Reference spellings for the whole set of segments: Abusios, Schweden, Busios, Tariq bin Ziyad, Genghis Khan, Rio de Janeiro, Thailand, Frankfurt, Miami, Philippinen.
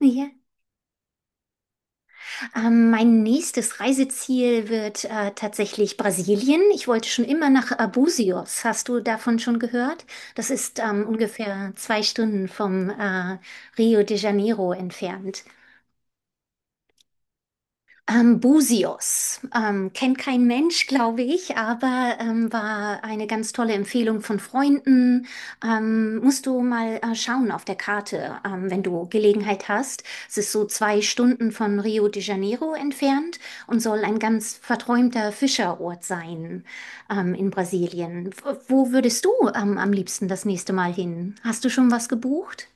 Ja, mein nächstes Reiseziel wird tatsächlich Brasilien. Ich wollte schon immer nach Abusios. Hast du davon schon gehört? Das ist ungefähr 2 Stunden vom Rio de Janeiro entfernt. Busios. Kennt kein Mensch, glaube ich, aber war eine ganz tolle Empfehlung von Freunden. Musst du mal schauen auf der Karte, wenn du Gelegenheit hast. Es ist so 2 Stunden von Rio de Janeiro entfernt und soll ein ganz verträumter Fischerort sein, in Brasilien. Wo würdest du am liebsten das nächste Mal hin? Hast du schon was gebucht?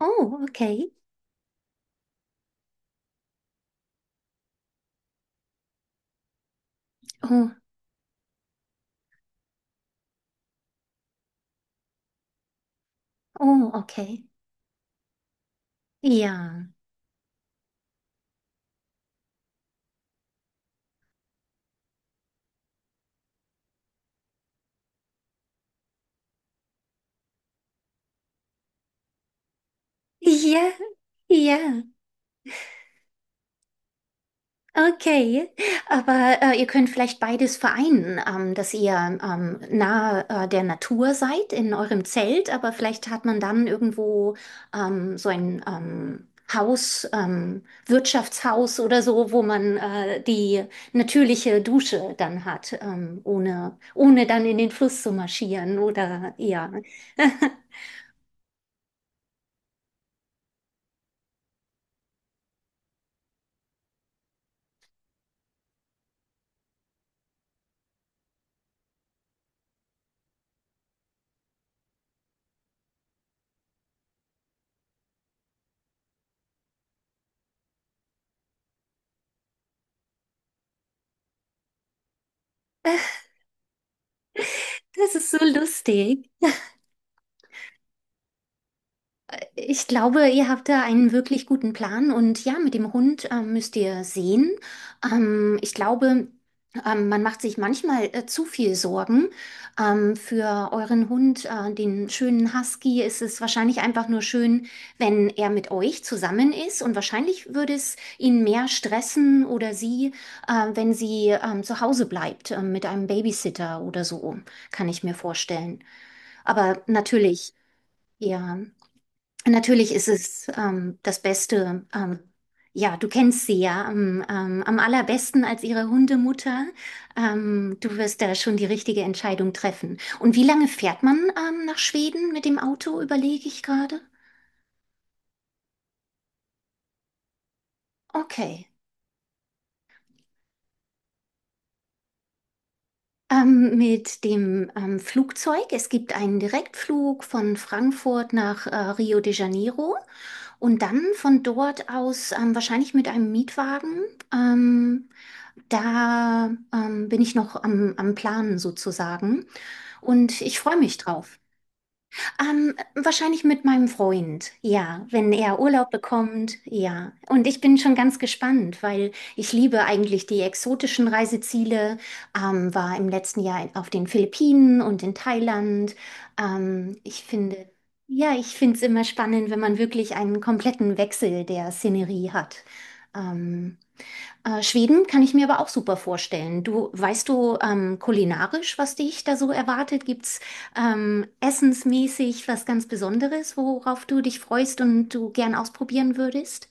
Oh, okay. Oh, oh, okay. Ja. Ja, ja, okay. Aber ihr könnt vielleicht beides vereinen, dass ihr nahe der Natur seid in eurem Zelt, aber vielleicht hat man dann irgendwo so ein Haus, Wirtschaftshaus oder so, wo man die natürliche Dusche dann hat, ohne dann in den Fluss zu marschieren oder ja. Das ist so lustig. Ich glaube, ihr habt da einen wirklich guten Plan und ja, mit dem Hund müsst ihr sehen. Ich glaube, man macht sich manchmal zu viel Sorgen. Für euren Hund, den schönen Husky, ist es wahrscheinlich einfach nur schön, wenn er mit euch zusammen ist und wahrscheinlich würde es ihn mehr stressen oder sie, wenn sie zu Hause bleibt, mit einem Babysitter oder so, kann ich mir vorstellen. Aber natürlich, ja. Natürlich ist es das Beste. Ja, du kennst sie ja am, am allerbesten als ihre Hundemutter. Du wirst da schon die richtige Entscheidung treffen. Und wie lange fährt man nach Schweden mit dem Auto, überlege ich gerade. Okay. Mit dem Flugzeug. Es gibt einen Direktflug von Frankfurt nach Rio de Janeiro und dann von dort aus wahrscheinlich mit einem Mietwagen. Ähm, da bin ich noch am, am Planen sozusagen und ich freue mich drauf. Wahrscheinlich mit meinem Freund, ja, wenn er Urlaub bekommt, ja. Und ich bin schon ganz gespannt, weil ich liebe eigentlich die exotischen Reiseziele. War im letzten Jahr auf den Philippinen und in Thailand. Ich finde, ja, ich finde es immer spannend, wenn man wirklich einen kompletten Wechsel der Szenerie hat. Ähm, Schweden kann ich mir aber auch super vorstellen. Du, weißt du kulinarisch, was dich da so erwartet? Gibt's essensmäßig was ganz Besonderes, worauf du dich freust und du gern ausprobieren würdest?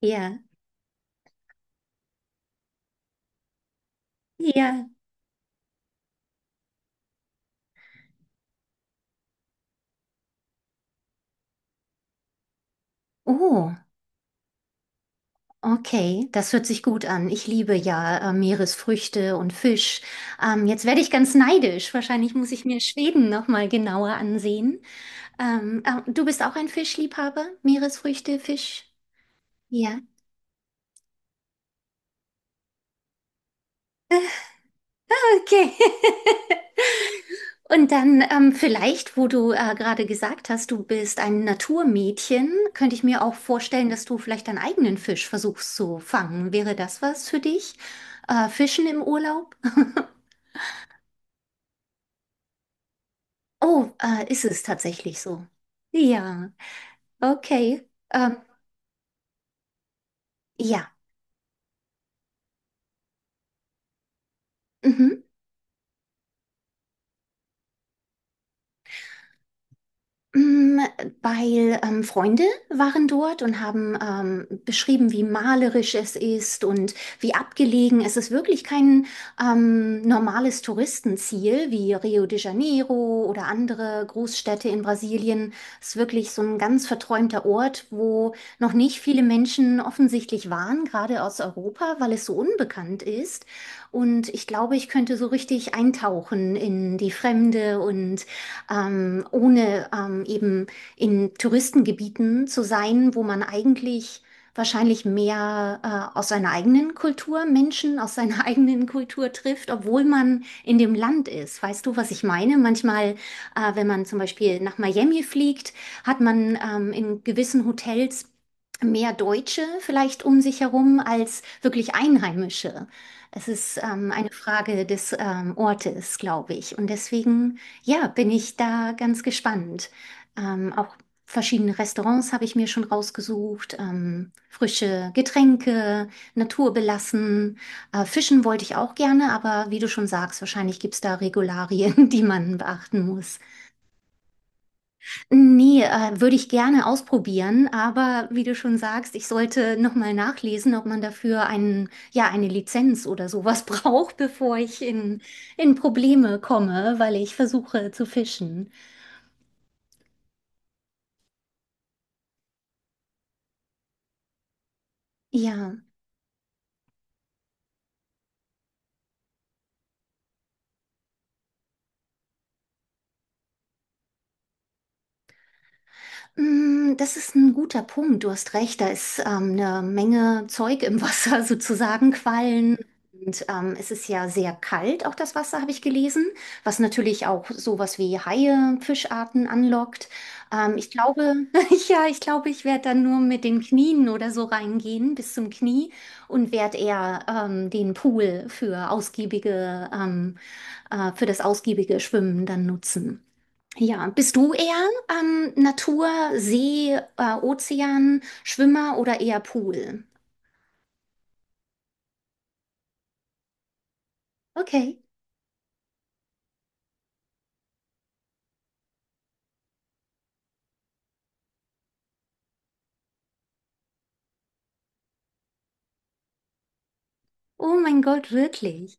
Ja, ja. Oh, okay, das hört sich gut an. Ich liebe ja Meeresfrüchte und Fisch. Jetzt werde ich ganz neidisch. Wahrscheinlich muss ich mir Schweden noch mal genauer ansehen. Du bist auch ein Fischliebhaber? Meeresfrüchte, Fisch? Ja. Okay. Und dann vielleicht, wo du gerade gesagt hast, du bist ein Naturmädchen, könnte ich mir auch vorstellen, dass du vielleicht deinen eigenen Fisch versuchst zu fangen. Wäre das was für dich? Fischen im Urlaub? Oh, ist es tatsächlich so? Ja, okay. Ähm, ja. Mhm. Mm, weil Freunde waren dort und haben beschrieben, wie malerisch es ist und wie abgelegen. Es ist wirklich kein normales Touristenziel wie Rio de Janeiro oder andere Großstädte in Brasilien. Es ist wirklich so ein ganz verträumter Ort, wo noch nicht viele Menschen offensichtlich waren, gerade aus Europa, weil es so unbekannt ist. Und ich glaube, ich könnte so richtig eintauchen in die Fremde und ohne eben in Touristengebieten zu sein, wo man eigentlich wahrscheinlich mehr aus seiner eigenen Kultur Menschen aus seiner eigenen Kultur trifft, obwohl man in dem Land ist. Weißt du, was ich meine? Manchmal, wenn man zum Beispiel nach Miami fliegt, hat man in gewissen Hotels mehr Deutsche vielleicht um sich herum als wirklich Einheimische. Es ist eine Frage des Ortes, glaube ich. Und deswegen. Ja, bin ich da ganz gespannt. Auch verschiedene Restaurants habe ich mir schon rausgesucht, frische Getränke, naturbelassen. Fischen wollte ich auch gerne, aber wie du schon sagst, wahrscheinlich gibt es da Regularien, die man beachten muss. Nee, würde ich gerne ausprobieren, aber wie du schon sagst, ich sollte nochmal nachlesen, ob man dafür einen, ja, eine Lizenz oder sowas braucht, bevor ich in Probleme komme, weil ich versuche zu fischen. Ja. Mm, das ist ein guter Punkt. Du hast recht, da ist eine Menge Zeug im Wasser, sozusagen Quallen. Und es ist ja sehr kalt, auch das Wasser, habe ich gelesen, was natürlich auch sowas wie Haie, Fischarten anlockt. Ich glaube, ja, ich glaube, ich werde dann nur mit den Knien oder so reingehen, bis zum Knie, und werde eher den Pool für ausgiebige, für das ausgiebige Schwimmen dann nutzen. Ja, bist du eher Natur, See, Ozean, Schwimmer oder eher Pool? Okay. Oh mein Gott, wirklich.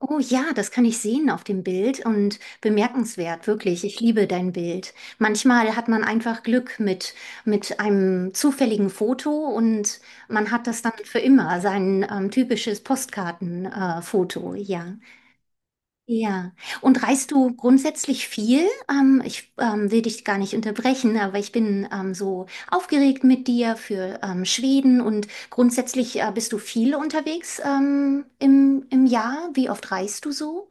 Oh ja, das kann ich sehen auf dem Bild und bemerkenswert, wirklich. Ich liebe dein Bild. Manchmal hat man einfach Glück mit einem zufälligen Foto und man hat das dann für immer, sein typisches Postkartenfoto, Foto, ja. Ja, und reist du grundsätzlich viel? Ich will dich gar nicht unterbrechen, aber ich bin so aufgeregt mit dir für Schweden und grundsätzlich bist du viel unterwegs im, im Jahr. Wie oft reist du so?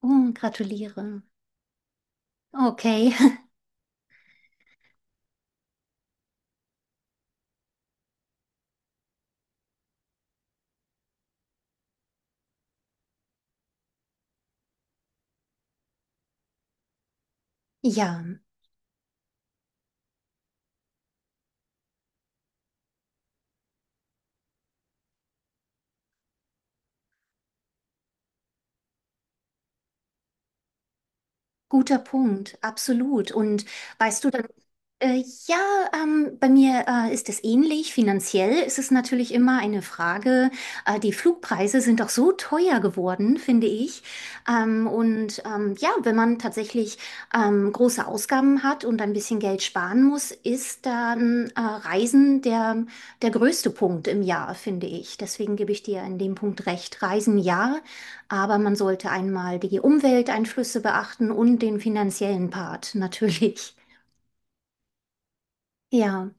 Oh, gratuliere. Okay, ja, guter Punkt, absolut. Und weißt du dann ja, bei mir ist es ähnlich. Finanziell ist es natürlich immer eine Frage. Die Flugpreise sind auch so teuer geworden, finde ich. Und ja, wenn man tatsächlich große Ausgaben hat und ein bisschen Geld sparen muss, ist dann Reisen der, der größte Punkt im Jahr, finde ich. Deswegen gebe ich dir in dem Punkt recht. Reisen ja, aber man sollte einmal die Umwelteinflüsse beachten und den finanziellen Part natürlich. Ja.